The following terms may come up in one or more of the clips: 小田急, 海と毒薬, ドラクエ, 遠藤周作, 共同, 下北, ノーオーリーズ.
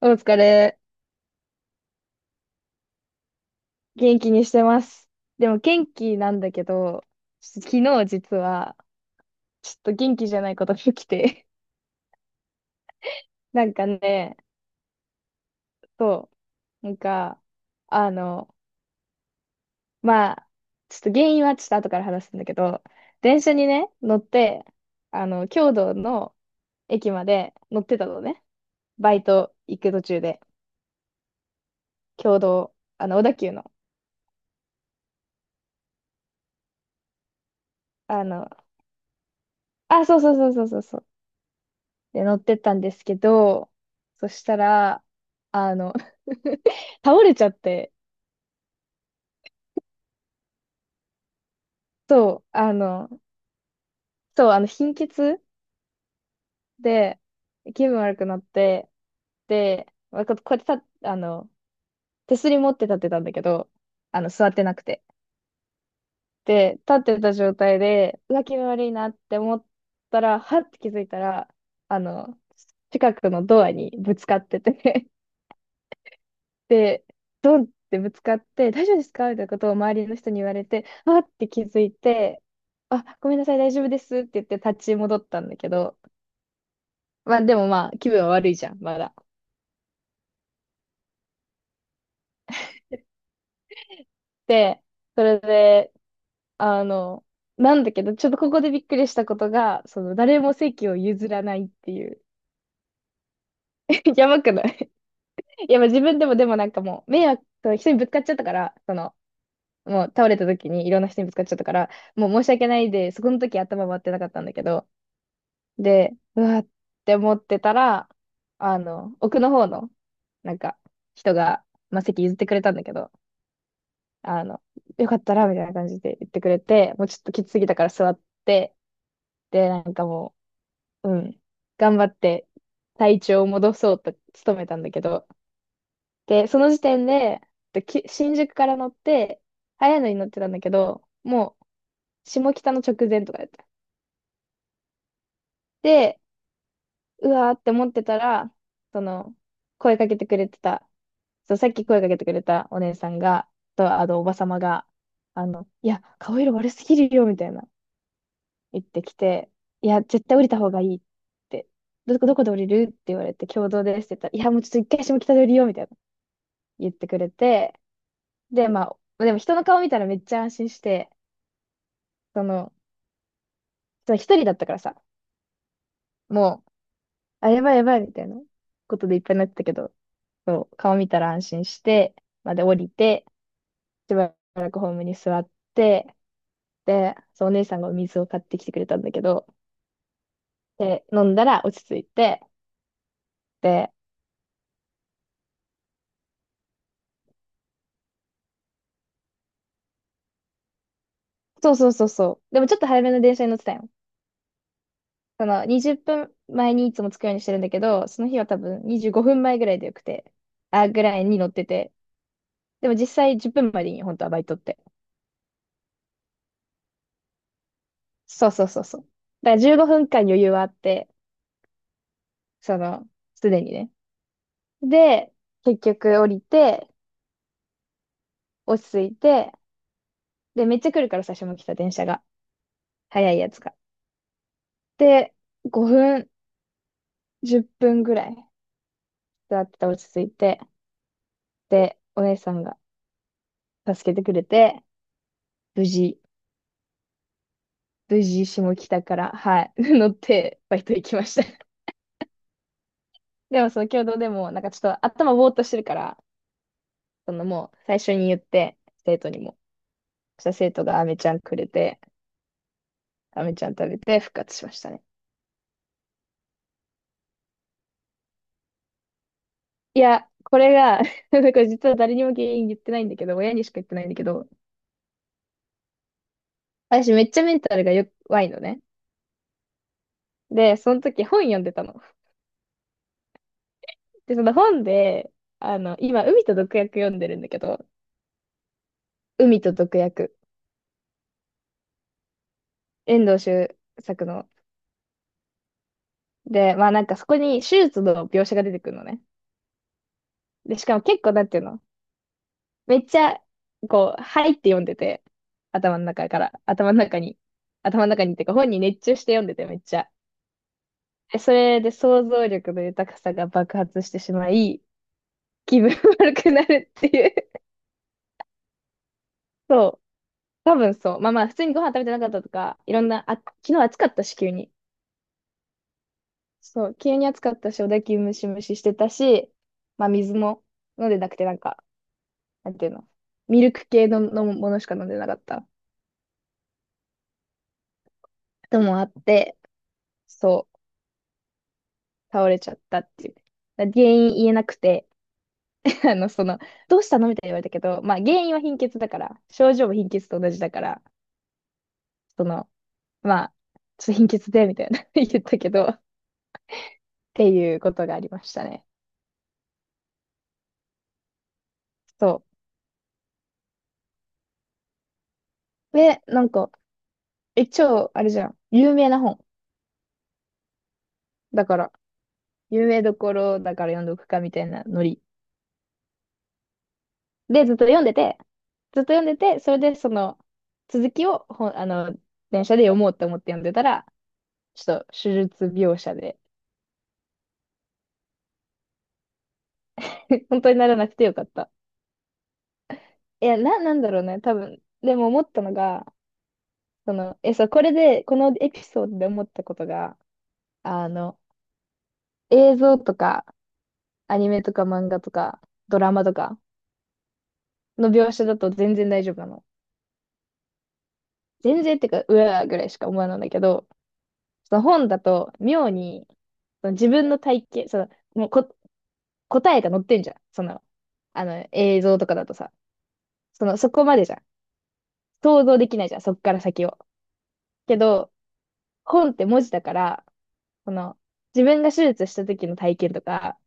お疲れ。元気にしてます。でも元気なんだけど、ちょっと昨日実は、ちょっと元気じゃないことが起きて。なんかね、そう、なんか、あの、まあ、ちょっと原因はちょっと後から話すんだけど、電車にね、乗って、あの、京都の駅まで乗ってたのね。バイト行く途中で、京都、あの、小田急の、あの、あ、そうそうそうそうそう、で、乗ってったんですけど、そしたら、あの 倒れちゃって、そう、あの、そう、あの、貧血で、気分悪くなって、で、まあここうやって立っ手すり持って立ってたんだけど、あの、座ってなくて。で、立ってた状態で、うわ、気分悪いなって思ったら、はって気づいたら、あの、近くのドアにぶつかっててね。で、ドンってぶつかって、大丈夫ですかみたいなことを周りの人に言われて、あって気づいて、あ、ごめんなさい、大丈夫ですって言って立ち戻ったんだけど、まあでもまあ気分は悪いじゃん、まだ。で、それで、あの、なんだけど、ちょっとここでびっくりしたことが、その誰も席を譲らないっていう。やばくない？ いや、まあ自分でもなんかもう、迷惑、人にぶつかっちゃったから、その、もう倒れた時にいろんな人にぶつかっちゃったから、もう申し訳ないで、そこの時頭回ってなかったんだけど、で、うわって思ってたら、あの、奥の方の、なんか、人が、まあ、席譲ってくれたんだけど、あの、よかったら、みたいな感じで言ってくれて、もうちょっときつすぎたから座って、で、なんかもう、うん、頑張って体調を戻そうと努めたんだけど、で、その時点で、でき新宿から乗って、早いのに乗ってたんだけど、もう、下北の直前とかだった。で、うわーって思ってたら、その、声かけてくれてた、そう、さっき声かけてくれたお姉さんが、と、あの、おばさまが、あの、いや、顔色悪すぎるよ、みたいな、言ってきて、いや、絶対降りた方がいいって、どこで降りるって言われて、共同ですって言ったら、いや、もうちょっと一回下北で降りよう、みたいな、言ってくれて、で、まあ、でも人の顔見たらめっちゃ安心して、その、その一人だったからさ、もう、あ、やばいやばい、みたいなことでいっぱいになってたけど、そう、顔見たら安心して、まあで降りて、しばらくホームに座って、で、そう、お姉さんがお水を買ってきてくれたんだけど、で、飲んだら落ち着いて、で、そうそうそうそう。でもちょっと早めの電車に乗ってたよ。その20分前にいつも着くようにしてるんだけど、その日は多分25分前ぐらいでよくて、あ、ぐらいに乗ってて。でも実際10分まえでいいよ、本当はバイトって。そうそうそうそう。だから15分間余裕はあって、その、すでにね。で、結局降りて、落ち着いて、で、めっちゃ来るから最初も来た電車が。早いやつが。で、5分10分ぐらい座ってて落ち着いて、で、お姉さんが助けてくれて、無事、無事下北から、はい、乗ってバイト行きました。でもその共同でも、なんかちょっと頭ぼーっとしてるから、そのもう最初に言って、生徒にも。そしたら生徒が飴ちゃんくれて、飴ちゃん食べて復活しましたね。いや、これが なんか実は誰にも原因言ってないんだけど、親にしか言ってないんだけど、私めっちゃメンタルが弱いのね。で、その時本読んでたの。で、その本で、あの、今、海と毒薬読んでるんだけど、海と毒薬、遠藤周作の。で、まあなんかそこに手術の描写が出てくるのね。で、しかも結構、なんていうの、めっちゃ、こう、入って読んでて、頭の中から、頭の中に、頭の中にっていうか、本に熱中して読んでて、めっちゃ。で、それで想像力の豊かさが爆発してしまい、気分悪くなるっていう。そう。多分そう。まあまあ、普通にご飯食べてなかったとか、いろんな、あ、昨日暑かったし、急に。そう、急に暑かったし、おだきムシムシしてたし、まあ水も飲んでなくて、なんか、なんていうの、ミルク系の飲むものしか飲んでなかったともあって、そう、倒れちゃったっていう。だ原因言えなくて、あの、その、どうしたのみたいに言われたけど、まあ原因は貧血だから、症状も貧血と同じだから、その、まあ、ちょっと貧血で、みたいな 言ったけど、っていうことがありましたね。そう。で、なんか、え、超、あれじゃん、有名な本。だから、有名どころだから読んどくかみたいなノリ。で、ずっと読んでて、ずっと読んでて、それでその続きをほん、あの、電車で読もうと思って読んでたら、ちょっと手術描写で、本当にならなくてよかった。いや、な、なんだろうね、多分。でも思ったのが、その、え、そう、これで、このエピソードで思ったことが、あの、映像とか、アニメとか漫画とか、ドラマとかの描写だと全然大丈夫なの。全然ってか、うわーぐらいしか思わないんだけど、その本だと妙に、その自分の体型、その、もうこ、答えが載ってんじゃん。その、あの、映像とかだとさ、その、そこまでじゃん。想像できないじゃん、そっから先を。けど、本って文字だから、その、自分が手術した時の体験とか、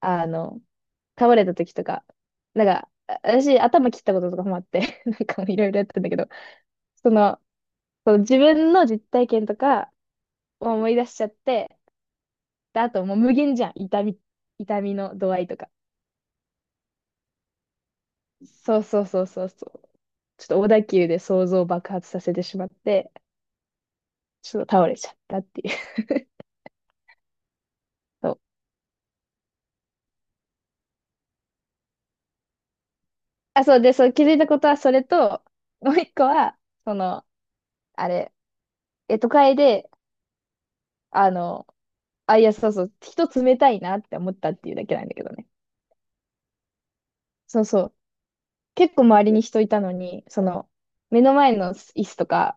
あの、倒れた時とか、なんか、あ私、頭切ったこととかもあって なんかもういろいろやってんだけど、その、その自分の実体験とかを思い出しちゃって、で、あともう無限じゃん、痛み、痛みの度合いとか。そうそうそうそうそう。ちょっと小田急で想像を爆発させてしまって、ちょっと倒れちゃったっていう。そう。あ、そうで、そう、気づいたことはそれと、もう一個は、その、あれ、え、都会で、あの、あ、いや、そうそう、人冷たいなって思ったっていうだけなんだけどね。そうそう。結構周りに人いたのに、その、目の前の椅子とか、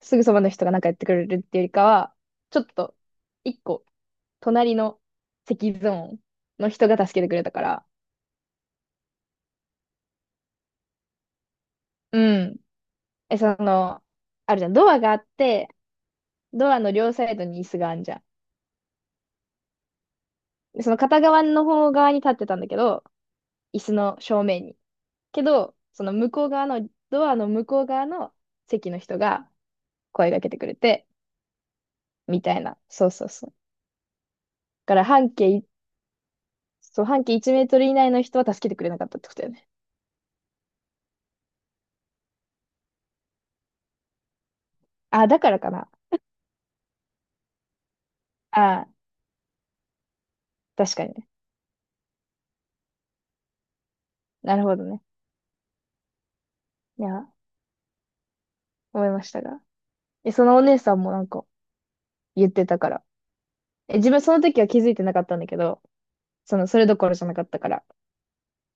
すぐそばの人がなんかやってくれるっていうよりかは、ちょっと、一個、隣の席ゾーンの人が助けてくれたから、うん。え、その、あるじゃん。ドアがあって、ドアの両サイドに椅子があるじゃん。で、その片側の方側に立ってたんだけど、椅子の正面に。けど、その向こう側の、ドアの向こう側の席の人が声かけてくれて、みたいな。そうそうそう。だから半径い、そう、半径1メートル以内の人は助けてくれなかったってことだよね。あ、だからかな。あ、確かにね。なるほどね。いや、思いましたが。え、そのお姉さんもなんか言ってたから。え、自分その時は気づいてなかったんだけど、その、それどころじゃなかったから。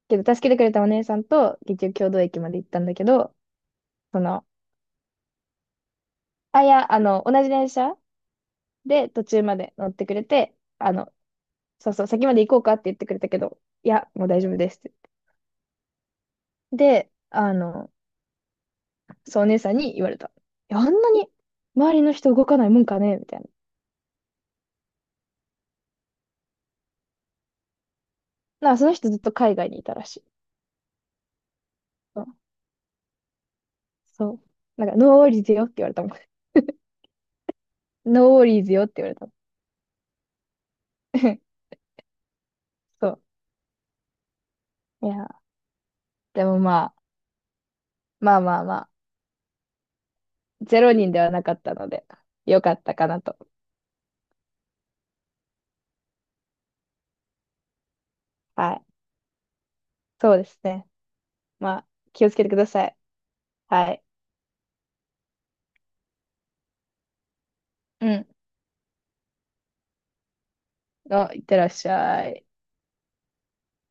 けど、助けてくれたお姉さんと、結局、共同駅まで行ったんだけど、その、あ、いや、あの、同じ電車で途中まで乗ってくれて、あの、そうそう、先まで行こうかって言ってくれたけど、いや、もう大丈夫ですって言って。で、あの、そう、お姉さんに言われた。いや、あんなに周りの人動かないもんかねみたいな。なんか、その人ずっと海外にいたらしい。そう。そうなんか、ノーオーリーズよって言われたもん。ノーオーリーズよって言われたもん。そう。いや、でもまあ、まあまあま、ゼロ人ではなかったので、よかったかなと。はい。そうですね。まあ、気をつけてください。はい。うん。あ、いってらっしゃい。